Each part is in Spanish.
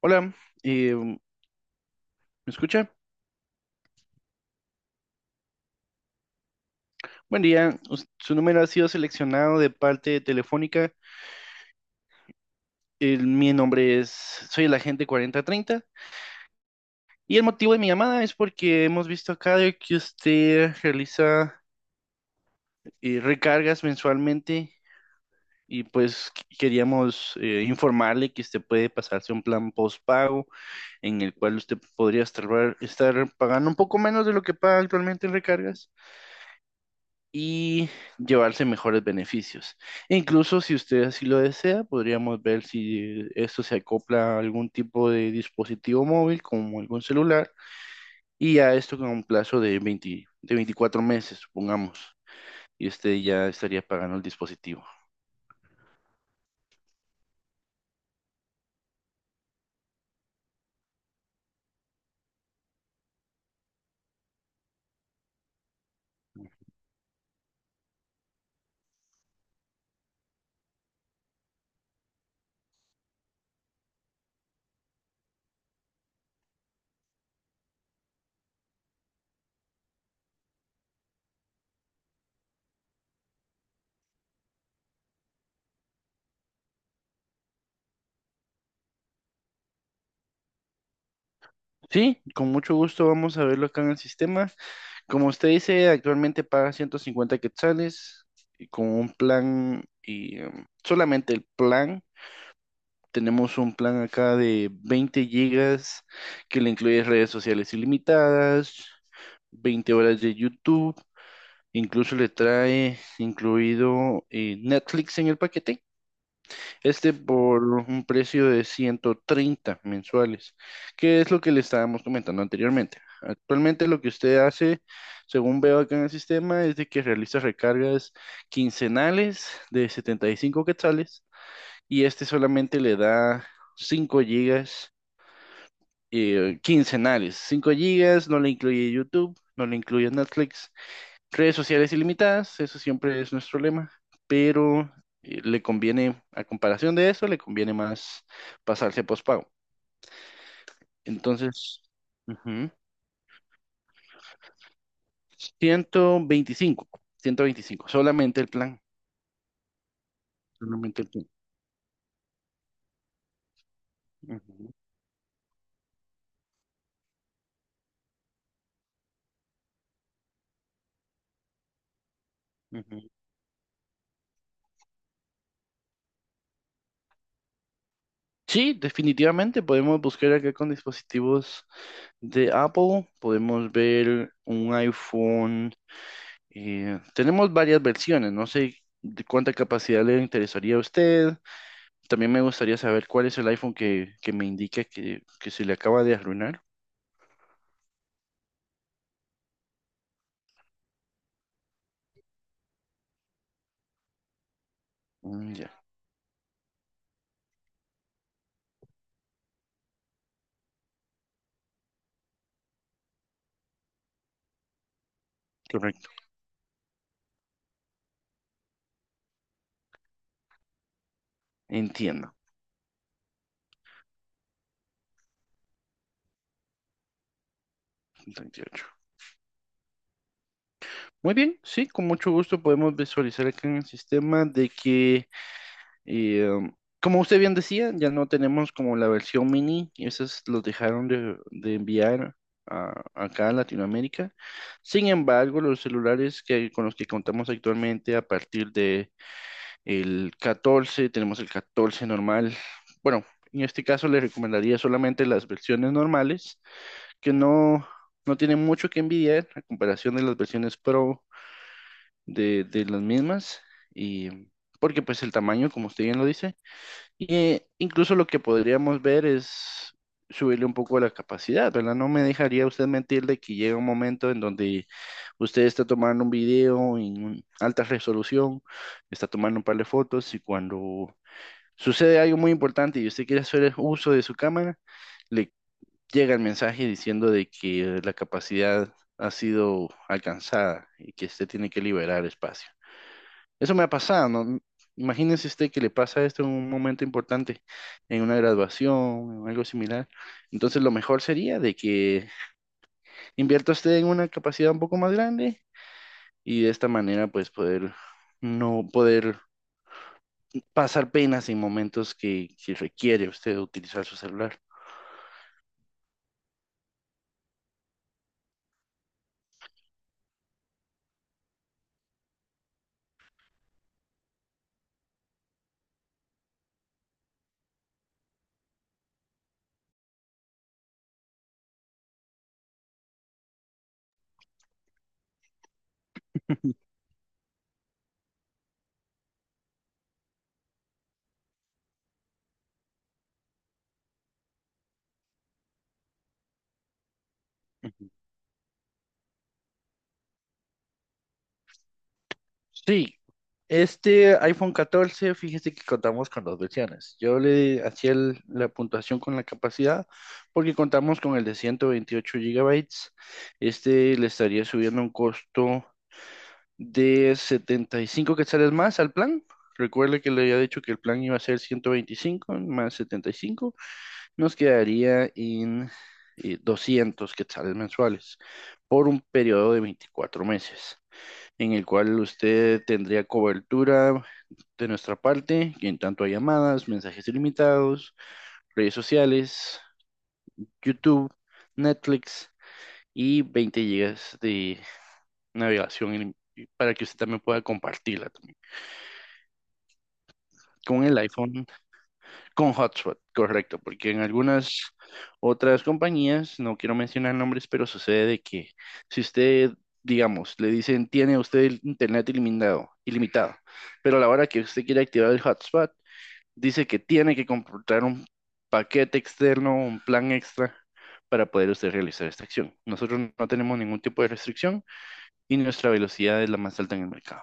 Hola, ¿me escucha? Buen día, su número ha sido seleccionado de parte de Telefónica. Soy el agente 40 30 y el motivo de mi llamada es porque hemos visto acá de que usted realiza recargas mensualmente, y pues queríamos informarle que usted puede pasarse a un plan postpago en el cual usted podría estar pagando un poco menos de lo que paga actualmente en recargas y llevarse mejores beneficios. E incluso si usted así lo desea, podríamos ver si esto se acopla a algún tipo de dispositivo móvil, como algún celular, y a esto con un plazo de 20 de 24 meses, supongamos. Y usted ya estaría pagando el dispositivo. Sí, con mucho gusto vamos a verlo acá en el sistema. Como usted dice, actualmente paga 150 quetzales, y con un plan y solamente el plan. Tenemos un plan acá de 20 gigas que le incluye redes sociales ilimitadas, 20 horas de YouTube, incluso le trae incluido Netflix en el paquete. Este por un precio de 130 mensuales, que es lo que le estábamos comentando anteriormente. Actualmente lo que usted hace, según veo acá en el sistema, es de que realiza recargas quincenales de 75 quetzales, y este solamente le da 5 gigas quincenales. 5 gigas, no le incluye YouTube, no le incluye Netflix, redes sociales ilimitadas, eso siempre es nuestro lema, pero le conviene, a comparación de eso, le conviene más pasarse a postpago. Entonces, ujú, 125, 125, solamente el plan, solamente el plan. Ujú, ujú. Sí, definitivamente podemos buscar acá con dispositivos. De Apple podemos ver un iPhone. Tenemos varias versiones. No sé de cuánta capacidad le interesaría a usted. También me gustaría saber cuál es el iPhone que me indica que se le acaba de arruinar. Mm, ya, correcto. Entiendo. 38. Muy bien, sí, con mucho gusto podemos visualizar acá en el sistema de que. Y como usted bien decía, ya no tenemos como la versión mini, y esas los dejaron de enviar acá a Latinoamérica. Sin embargo, los celulares que, con los que contamos actualmente a partir de el 14, tenemos el 14 normal. Bueno, en este caso le recomendaría solamente las versiones normales, que no, no tienen mucho que envidiar a comparación de las versiones Pro de las mismas. Y porque pues el tamaño, como usted bien lo dice, y incluso lo que podríamos ver es subirle un poco la capacidad, ¿verdad? No me dejaría usted mentir de que llega un momento en donde usted está tomando un video en alta resolución, está tomando un par de fotos y cuando sucede algo muy importante y usted quiere hacer uso de su cámara, le llega el mensaje diciendo de que la capacidad ha sido alcanzada y que usted tiene que liberar espacio. Eso me ha pasado, ¿no? Imagínese usted que le pasa esto en un momento importante, en una graduación o algo similar. Entonces, lo mejor sería de que invierta usted en una capacidad un poco más grande y de esta manera, pues, poder no poder pasar penas en momentos que requiere usted utilizar su celular. Sí, este iPhone 14, fíjese que contamos con dos versiones. Yo le hacía la puntuación con la capacidad porque contamos con el de 128 gigabytes. Este le estaría subiendo un costo de 75 quetzales más al plan. Recuerde que le había dicho que el plan iba a ser 125 más 75. Nos quedaría en 200 quetzales mensuales por un periodo de 24 meses, en el cual usted tendría cobertura de nuestra parte, en tanto a llamadas, mensajes ilimitados, redes sociales, YouTube, Netflix y 20 gigas de navegación para que usted también pueda compartirla también. Con el iPhone, con hotspot, correcto, porque en algunas otras compañías, no quiero mencionar nombres, pero sucede de que si usted, digamos, le dicen, tiene usted el internet ilimitado, ilimitado, pero a la hora que usted quiere activar el hotspot, dice que tiene que comprar un paquete externo, un plan extra para poder usted realizar esta acción. Nosotros no tenemos ningún tipo de restricción y nuestra velocidad es la más alta en el mercado.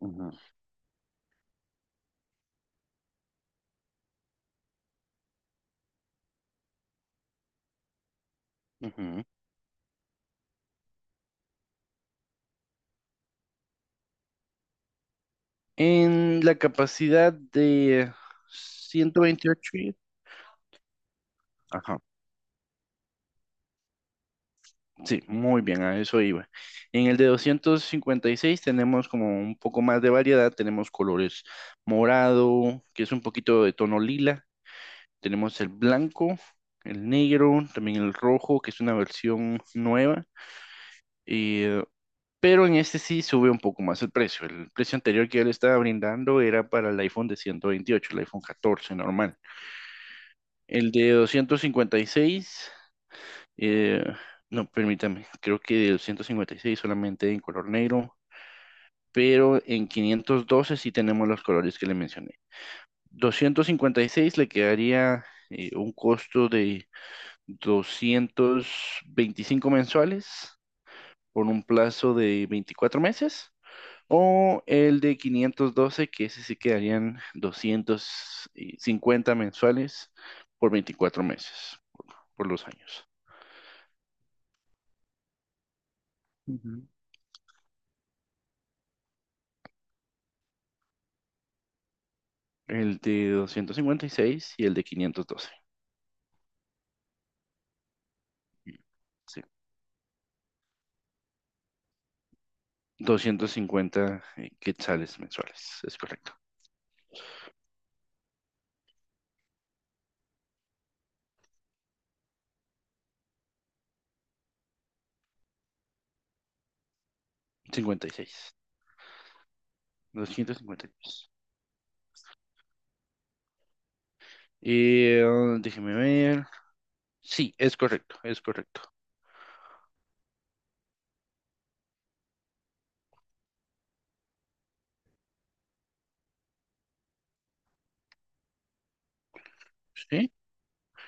Ujú, ujú. En la capacidad de 128, ajá, sí, muy bien, a eso iba. En el de 256 tenemos como un poco más de variedad, tenemos colores morado, que es un poquito de tono lila. Tenemos el blanco, el negro, también el rojo, que es una versión nueva. Y, pero en este sí sube un poco más el precio. El precio anterior que yo le estaba brindando era para el iPhone de 128, el iPhone 14 normal. El de 256, eh, no, permítame, creo que de 256 solamente en color negro, pero en 512 sí tenemos los colores que le mencioné. 256 le quedaría un costo de 225 mensuales por un plazo de 24 meses. O el de 512, que ese sí quedarían 250 mensuales por 24 meses, por los años. Ujú. El de 256 y el de 512. Sí. 250 quetzales mensuales, es correcto. 56. 256. Déjeme ver. Sí, es correcto, es correcto. Sí,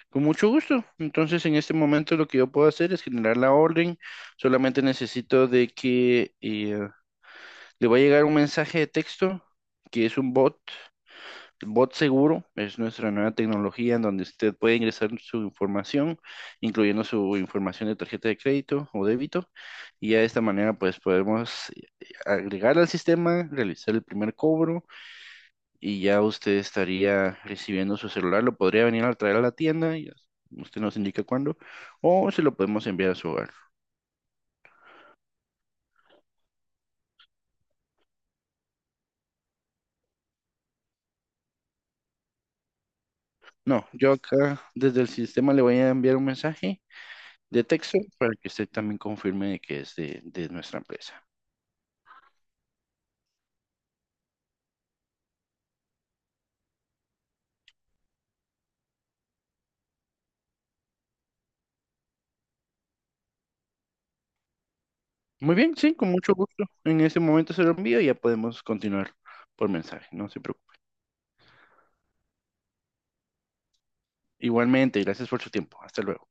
con mucho gusto. Entonces, en este momento lo que yo puedo hacer es generar la orden. Solamente necesito de que le va a llegar un mensaje de texto que es un bot, bot seguro. Es nuestra nueva tecnología en donde usted puede ingresar su información, incluyendo su información de tarjeta de crédito o débito. Y ya de esta manera, pues podemos agregar al sistema, realizar el primer cobro y ya usted estaría recibiendo su celular, lo podría venir a traer a la tienda, y ya usted nos indica cuándo, o se lo podemos enviar a su hogar. No, yo acá desde el sistema le voy a enviar un mensaje de texto para que usted también confirme de que es de nuestra empresa. Muy bien, sí, con mucho gusto. En ese momento se lo envío y ya podemos continuar por mensaje, no se preocupe. Igualmente, gracias por su tiempo. Hasta luego.